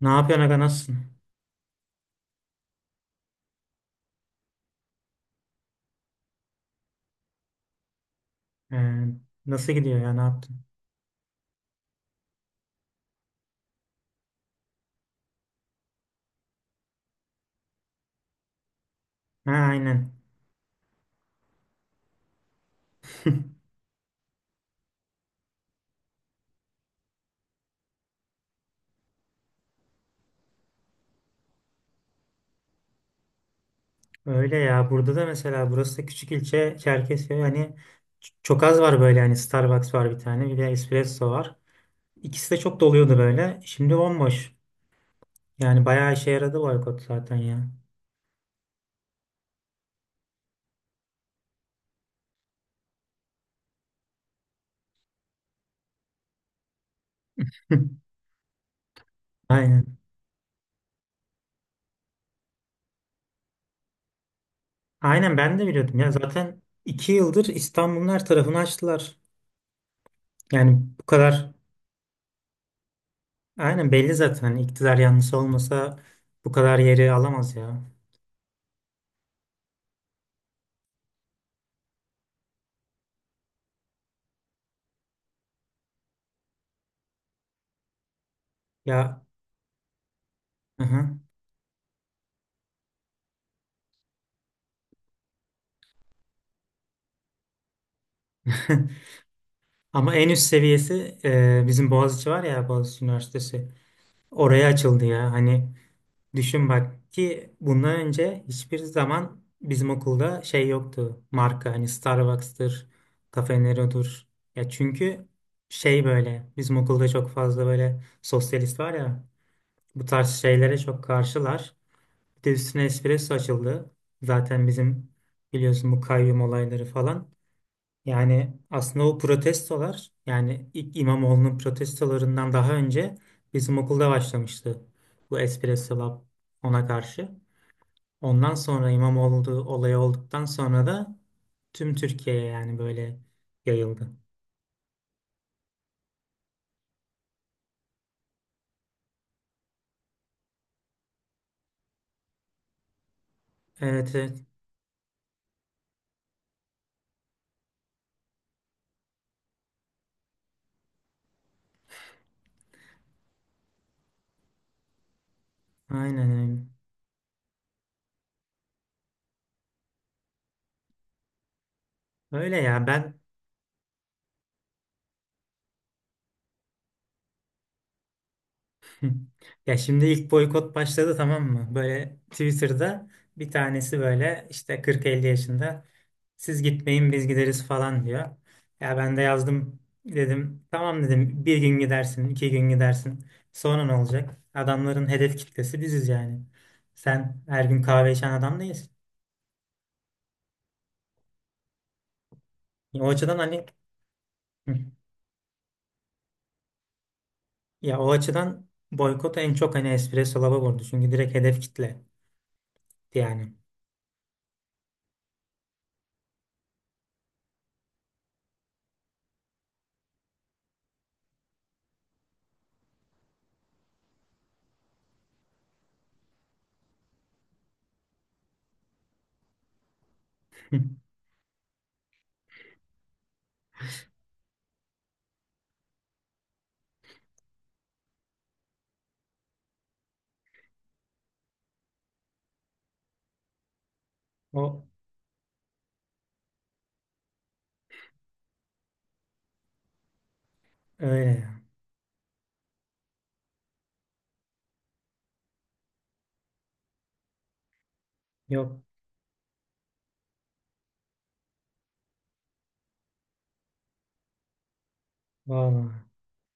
Ne yapıyorsun aga, nasılsın? Ee, nasıl gidiyor ya, ne yaptın? Ha, aynen. Öyle ya, burada da mesela, burası da küçük ilçe Çerkezköy hani çok az var böyle, hani Starbucks var bir tane, bir de espresso var. İkisi de çok doluyordu böyle. Şimdi bomboş. Yani bayağı işe yaradı boykot zaten ya. Aynen. Aynen, ben de biliyordum ya, zaten 2 yıldır İstanbul'un her tarafını açtılar. Yani bu kadar aynen belli zaten, hani iktidar yanlısı olmasa bu kadar yeri alamaz ya. Ya, hı hı. Ama en üst seviyesi bizim Boğaziçi var ya, Boğaziçi Üniversitesi. Oraya açıldı ya. Hani düşün bak ki bundan önce hiçbir zaman bizim okulda şey yoktu. Marka hani, Starbucks'tır, Cafe Nero'dur. Ya çünkü şey, böyle bizim okulda çok fazla böyle sosyalist var ya, bu tarz şeylere çok karşılar. Bir de üstüne espresso açıldı. Zaten bizim, biliyorsun bu kayyum olayları falan. Yani aslında o protestolar, yani ilk İmamoğlu'nun protestolarından daha önce bizim okulda başlamıştı. Bu Espresso Lab ona karşı. Ondan sonra İmamoğlu olayı olduktan sonra da tüm Türkiye'ye yani böyle yayıldı. Evet, evet, aynen öyle. Öyle ya, ben. Hı. Ya şimdi ilk boykot başladı, tamam mı? Böyle Twitter'da bir tanesi, böyle işte 40-50 yaşında, siz gitmeyin biz gideriz falan diyor. Ya ben de yazdım, dedim tamam, dedim bir gün gidersin, iki gün gidersin, sonra ne olacak? Adamların hedef kitlesi biziz yani. Sen her gün kahve içen adam değilsin. Ya o açıdan hani. Hı. Ya o açıdan boykot en çok hani Espresso lava vurdu çünkü direkt hedef kitle yani. Hı. O, öyle ya. Yok. Valla.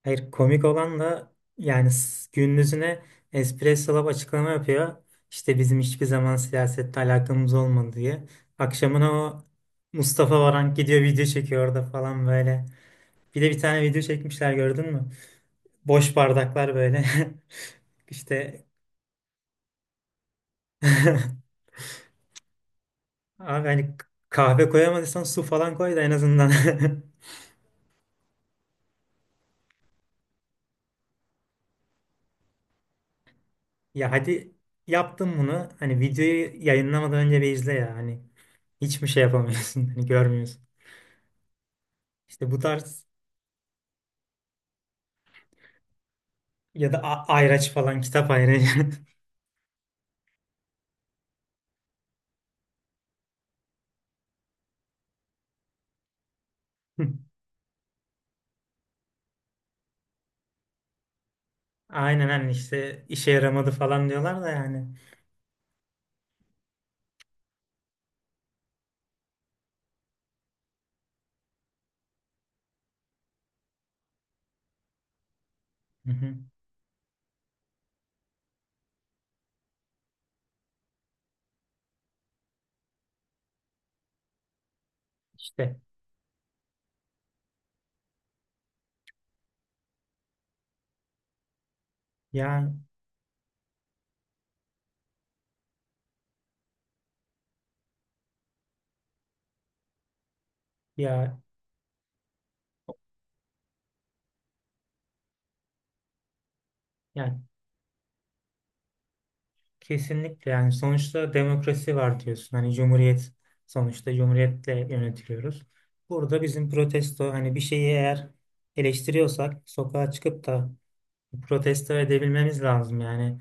Hayır, komik olan da yani gündüzüne Espresso Lab açıklama yapıyor, İşte bizim hiçbir zaman siyasette alakamız olmadı diye. Akşamına o Mustafa Varank gidiyor video çekiyor orada falan böyle. Bir de bir tane video çekmişler, gördün mü? Boş bardaklar böyle. İşte, abi hani kahve koyamadıysan su falan koy da en azından. Ya hadi yaptım bunu, hani videoyu yayınlamadan önce bir izle ya. Hani hiçbir şey yapamıyorsun. Hani görmüyorsun. İşte bu tarz, ya da ayraç falan, kitap ayracı. Aynen, hani işte işe yaramadı falan diyorlar da yani. Hı hı. İşte yani, ya yani kesinlikle yani, sonuçta demokrasi var diyorsun. Hani cumhuriyet, sonuçta cumhuriyetle yönetiliyoruz. Burada bizim protesto, hani bir şeyi eğer eleştiriyorsak sokağa çıkıp da protesto edebilmemiz lazım yani.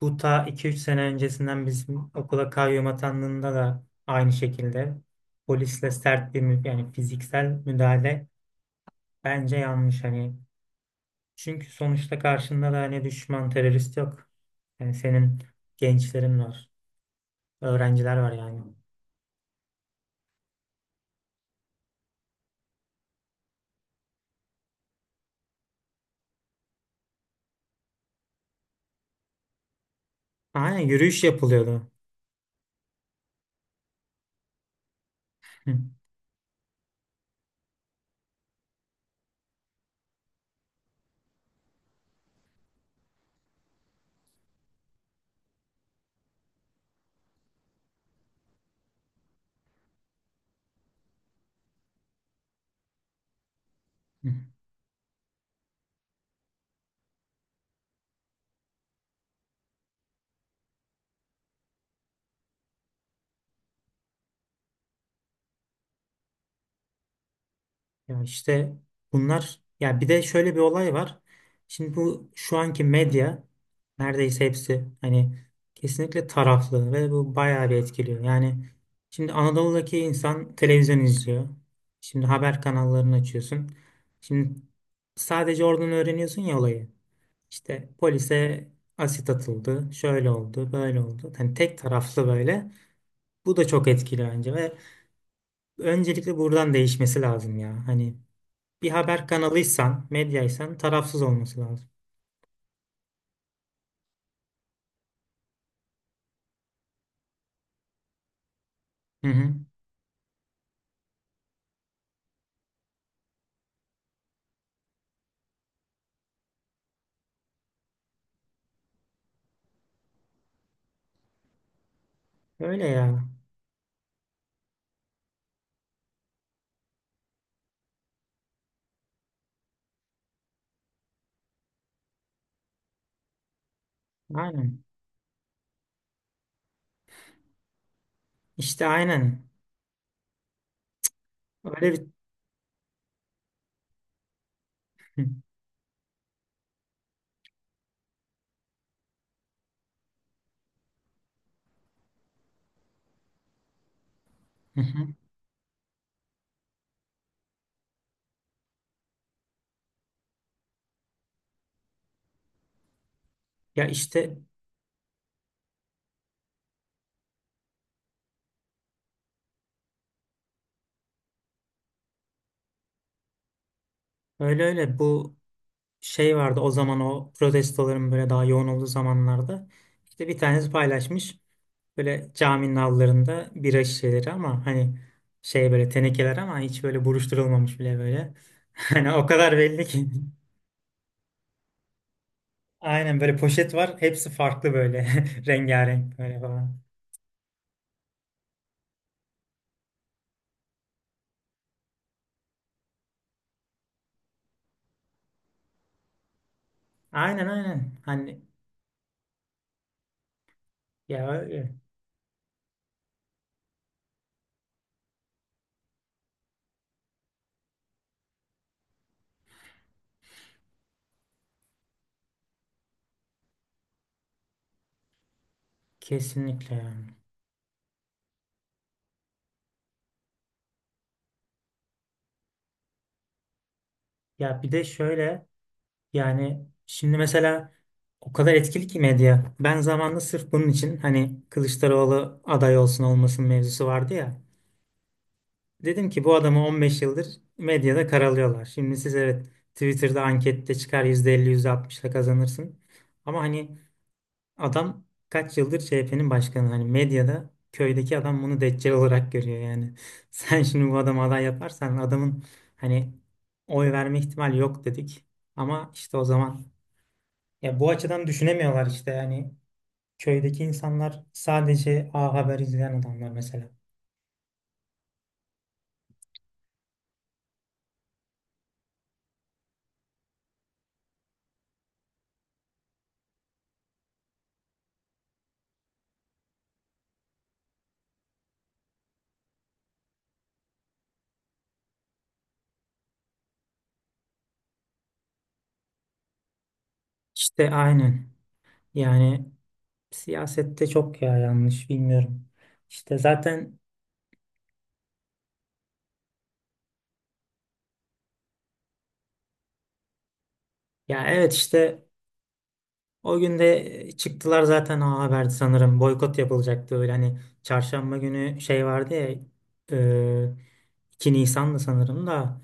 Bu ta iki üç sene öncesinden bizim okula kayyum atandığında da aynı şekilde polisle sert bir yani fiziksel müdahale bence yanlış hani. Çünkü sonuçta karşında da hani düşman, terörist yok. Yani senin gençlerin var, öğrenciler var yani. Aynen, yürüyüş yapılıyordu. Ya işte bunlar, ya bir de şöyle bir olay var. Şimdi bu şu anki medya neredeyse hepsi hani kesinlikle taraflı ve bu bayağı bir etkiliyor. Yani şimdi Anadolu'daki insan televizyon izliyor. Şimdi haber kanallarını açıyorsun. Şimdi sadece oradan öğreniyorsun ya olayı. İşte polise asit atıldı, şöyle oldu, böyle oldu. Hani tek taraflı böyle. Bu da çok etkili bence ve öncelikle buradan değişmesi lazım ya. Hani bir haber kanalıysan, medyaysan tarafsız olması lazım. Hı hı. Öyle ya. Aynen. İşte aynen. Öyle bir... Hı hı. Hı. Ya işte öyle, öyle bu şey vardı, o zaman o protestoların böyle daha yoğun olduğu zamanlarda. İşte bir tanesi paylaşmış, böyle caminin avlularında bira şişeleri, ama hani şey böyle tenekeler ama hiç böyle buruşturulmamış bile böyle. Hani o kadar belli ki. Aynen, böyle poşet var, hepsi farklı böyle rengarenk böyle falan. Aynen, aynen. Hani ya öyle. Kesinlikle yani. Ya bir de şöyle yani, şimdi mesela o kadar etkili ki medya. Ben zamanında sırf bunun için hani Kılıçdaroğlu aday olsun olmasın mevzusu vardı ya. Dedim ki bu adamı 15 yıldır medyada karalıyorlar. Şimdi siz, evet, Twitter'da ankette çıkar %50 %60'la kazanırsın. Ama hani, adam kaç yıldır CHP'nin başkanı. Hani medyada köydeki adam bunu deccal olarak görüyor yani. Sen şimdi bu adamı aday yaparsan adamın hani oy verme ihtimali yok, dedik. Ama işte o zaman ya, bu açıdan düşünemiyorlar işte, yani köydeki insanlar sadece A Haber izleyen adamlar mesela. İşte aynen. Yani siyasette çok ya, yanlış, bilmiyorum. İşte zaten, ya evet işte. O gün de çıktılar zaten, o haberdi sanırım. Boykot yapılacaktı, öyle hani çarşamba günü şey vardı ya, e, 2 Nisan'dı sanırım da,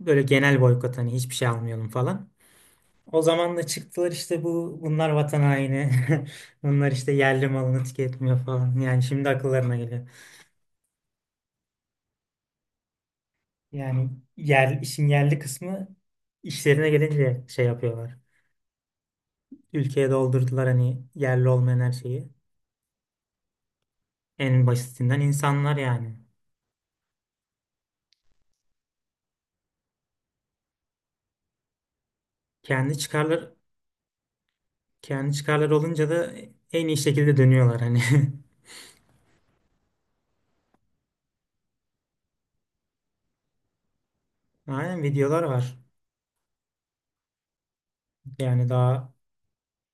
böyle genel boykot hani, hiçbir şey almayalım falan. O zaman da çıktılar, işte bu bunlar vatan haini. Bunlar işte yerli malını tüketmiyor falan. Yani şimdi akıllarına geliyor. Yani yer, işin yerli kısmı işlerine gelince şey yapıyorlar. Ülkeye doldurdular hani yerli olmayan her şeyi. En basitinden insanlar yani. Kendi çıkarlar kendi çıkarlar olunca da en iyi şekilde dönüyorlar hani. Aynen, videolar var. Yani daha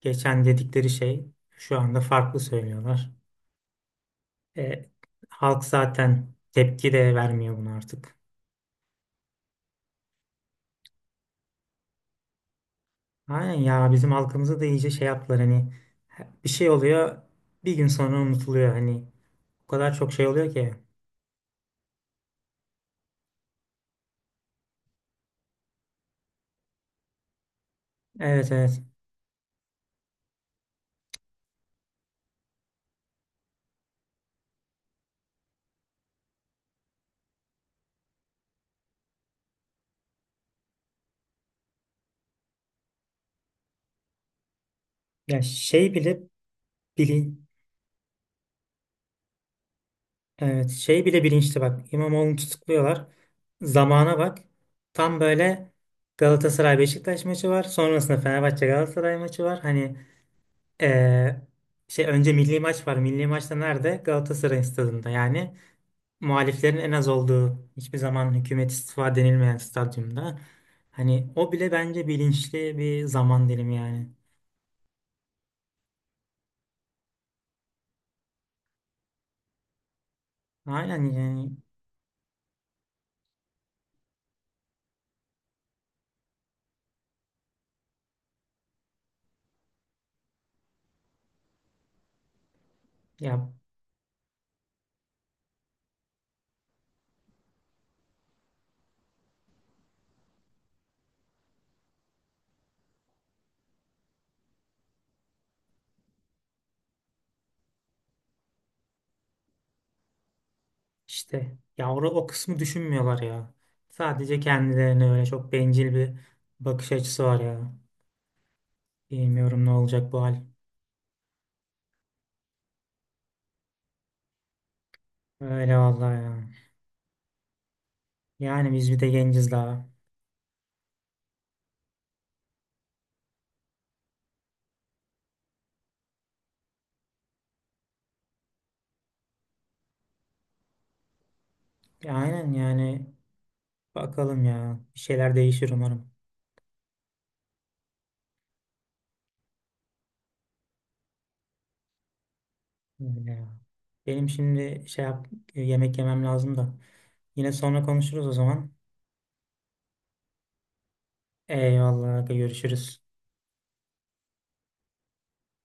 geçen dedikleri şey, şu anda farklı söylüyorlar. E, halk zaten tepki de vermiyor buna artık. Aynen, ya bizim halkımızı da iyice şey yaptılar hani, bir şey oluyor, bir gün sonra unutuluyor, hani o kadar çok şey oluyor ki. Evet, evet. Ya şey bile bili- evet, şey bile bilinçli bak. İmamoğlu'nu tutukluyorlar. Zamana bak. Tam böyle Galatasaray Beşiktaş maçı var. Sonrasında Fenerbahçe Galatasaray maçı var. Hani eee, şey, önce milli maç var. Milli maçta nerede? Galatasaray stadında. Yani muhaliflerin en az olduğu, hiçbir zaman hükümet istifa denilmeyen stadyumda. Hani o bile bence bilinçli bir zaman dilimi yani. Aynen yani, ya İşte ya yavru o kısmı düşünmüyorlar ya. Sadece kendilerine, öyle çok bencil bir bakış açısı var ya. Bilmiyorum ne olacak bu hal. Öyle vallahi ya. Yani biz bir de genciz daha. Ya aynen yani, bakalım ya. Bir şeyler değişir umarım. Öyle ya. Benim şimdi şey yap, yemek yemem lazım da. Yine sonra konuşuruz o zaman. Eyvallah, görüşürüz.